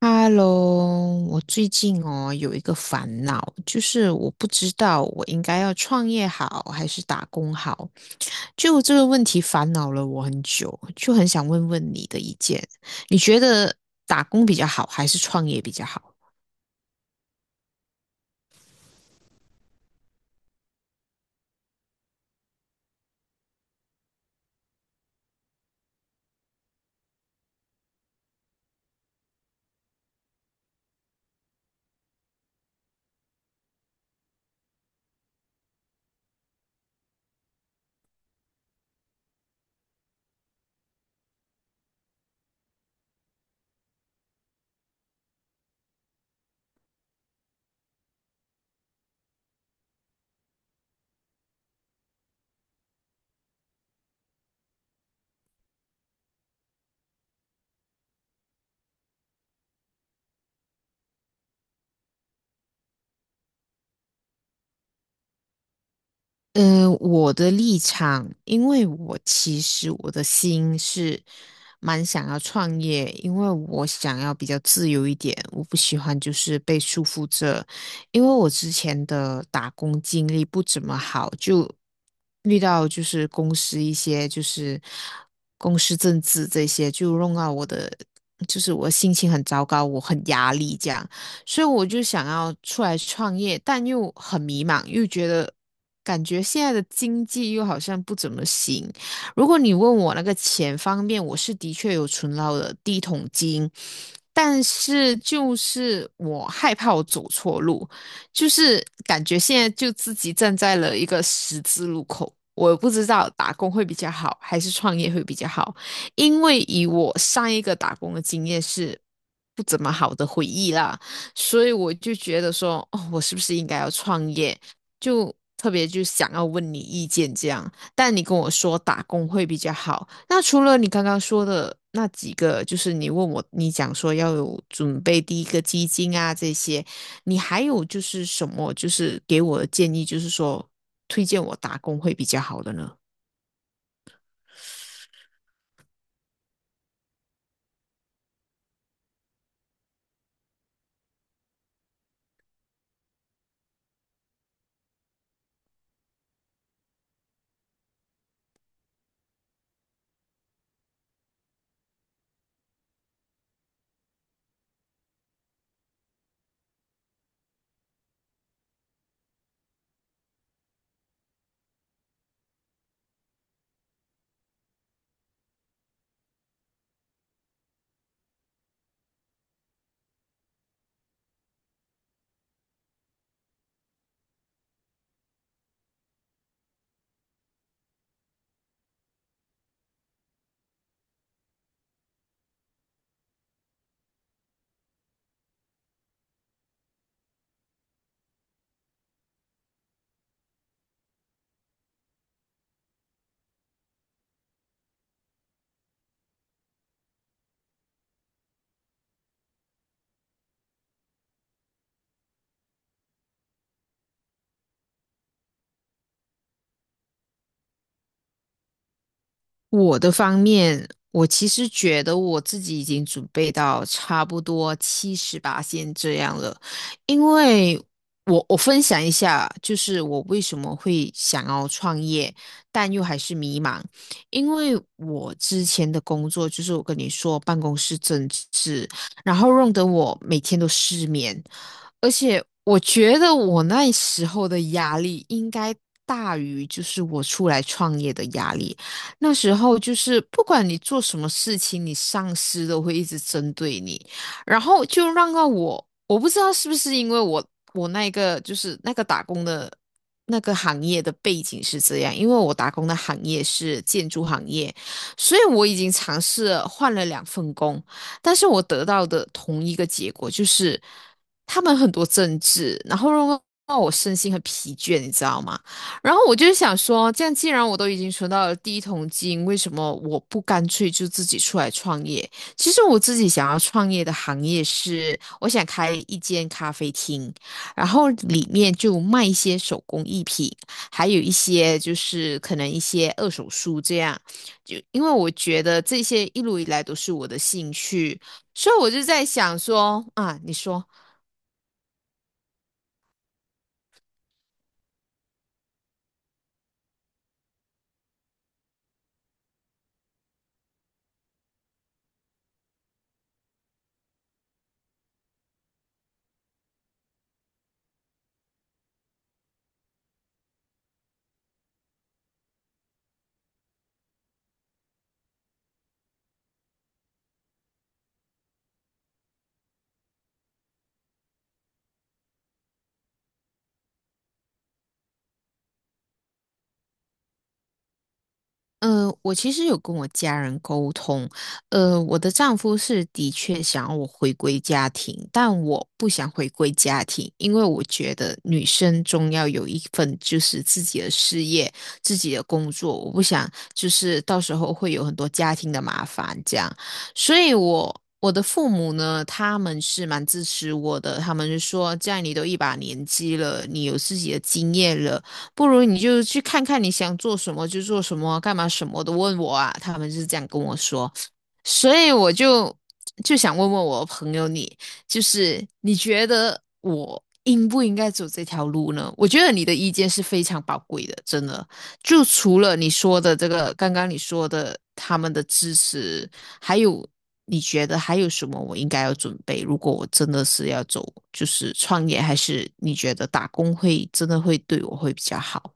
Hello，我最近有一个烦恼，就是我不知道我应该要创业好还是打工好，就这个问题烦恼了我很久，就很想问问你的意见，你觉得打工比较好还是创业比较好？我的立场，因为我其实的心是蛮想要创业，因为我想要比较自由一点，我不喜欢就是被束缚着，因为我之前的打工经历不怎么好，就遇到就是公司一些就是公司政治这些，就弄到我的就是我心情很糟糕，我很压力这样。所以我就想要出来创业，但又很迷茫，又觉得感觉现在的经济又好像不怎么行。如果你问我那个钱方面，我是的确有存到的第一桶金，但是就是我害怕我走错路，就是感觉现在就自己站在了一个十字路口。我不知道打工会比较好，还是创业会比较好。因为以我上一个打工的经验是不怎么好的回忆啦，所以我就觉得说，哦，我是不是应该要创业？就特别就想要问你意见这样。但你跟我说打工会比较好。那除了你刚刚说的那几个，就是你问我，你讲说要有准备第一个基金啊这些，你还有就是什么，就是给我的建议，就是说推荐我打工会比较好的呢？我的方面，我其实觉得我自己已经准备到差不多七八线这样了，因为我分享一下，就是我为什么会想要创业，但又还是迷茫，因为我之前的工作就是我跟你说办公室政治，然后弄得我每天都失眠，而且我觉得我那时候的压力应该大于就是我出来创业的压力。那时候就是不管你做什么事情，你上司都会一直针对你，然后就让到我，我不知道是不是因为我那个打工的那个行业的背景是这样，因为我打工的行业是建筑行业，所以我已经尝试了换了2份工，但是我得到的同一个结果就是他们很多政治，然后让我身心很疲倦，你知道吗？然后我就是想说，这样既然我都已经存到了第一桶金，为什么我不干脆就自己出来创业？其实我自己想要创业的行业是，我想开一间咖啡厅，然后里面就卖一些手工艺品，还有一些就是可能一些二手书这样。就因为我觉得这些一路以来都是我的兴趣，所以我就在想说啊，你说。我其实有跟我家人沟通，我的丈夫是的确想要我回归家庭，但我不想回归家庭，因为我觉得女生终要有一份就是自己的事业、自己的工作，我不想就是到时候会有很多家庭的麻烦这样，所以我。我的父母呢，他们是蛮支持我的，他们就说，这样你都一把年纪了，你有自己的经验了。不如你就去看看你想做什么就做什么，干嘛什么都问我啊。他们就是这样跟我说，所以我就就想问问我朋友你，就是你觉得我应不应该走这条路呢？我觉得你的意见是非常宝贵的，真的。就除了你说的这个，刚刚你说的他们的支持，还有，你觉得还有什么我应该要准备？如果我真的是要走，就是创业，还是你觉得打工会真的会对我会比较好？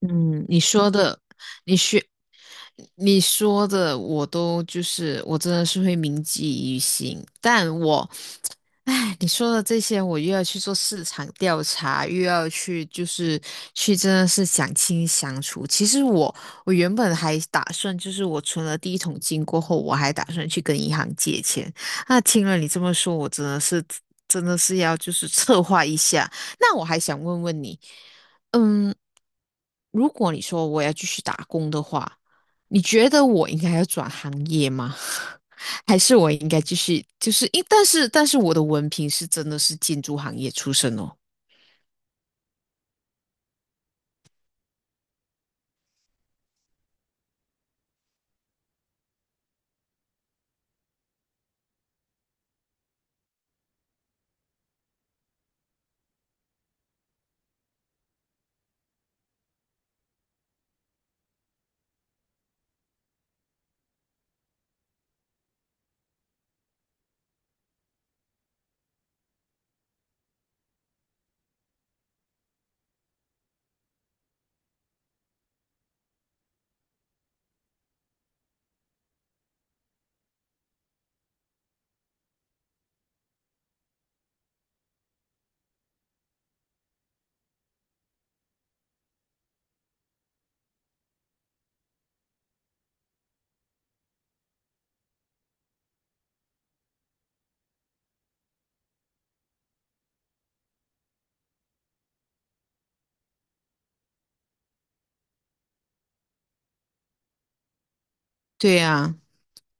嗯，你说的，你学，你说的，我都就是我真的是会铭记于心，但我哎，你说的这些，我又要去做市场调查，又要去就是去真的是想清想楚。其实我原本还打算，就是我存了第一桶金过后，我还打算去跟银行借钱。那听了你这么说，我真的是要就是策划一下。那我还想问问你，嗯，如果你说我要继续打工的话，你觉得我应该要转行业吗？还是我应该继续，就是因，但是我的文凭是真的是建筑行业出身哦。对呀，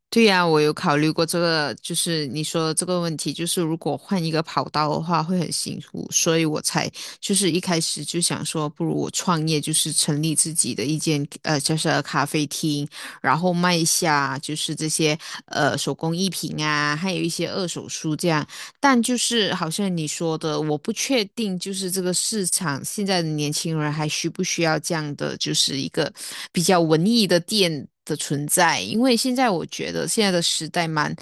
对呀，我有考虑过这个，就是你说的这个问题，就是如果换一个跑道的话会很辛苦，所以我才就是一开始就想说，不如我创业，就是成立自己的一间就是咖啡厅。然后卖一下就是这些手工艺品啊，还有一些二手书这样。但就是好像你说的，我不确定，就是这个市场现在的年轻人还需不需要这样的，就是一个比较文艺的店的存在。因为现在我觉得现在的时代蛮，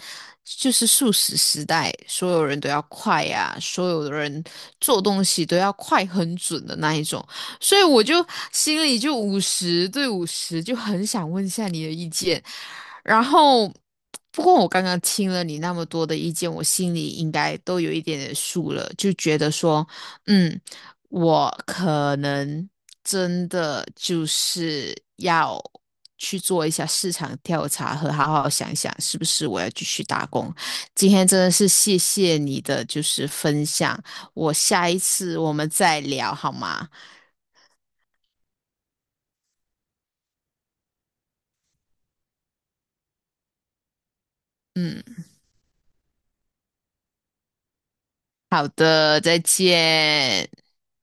就是速食时代，所有人都要快呀、所有的人做东西都要快很准的那一种。所以我就心里就50对50，就很想问一下你的意见。然后，不过我刚刚听了你那么多的意见，我心里应该都有一点点数了，就觉得说，嗯，我可能真的就是要去做一下市场调查和好好想想，是不是我要继续打工。今天真的是谢谢你的就是分享，我下一次我们再聊好吗？嗯。好的，再见。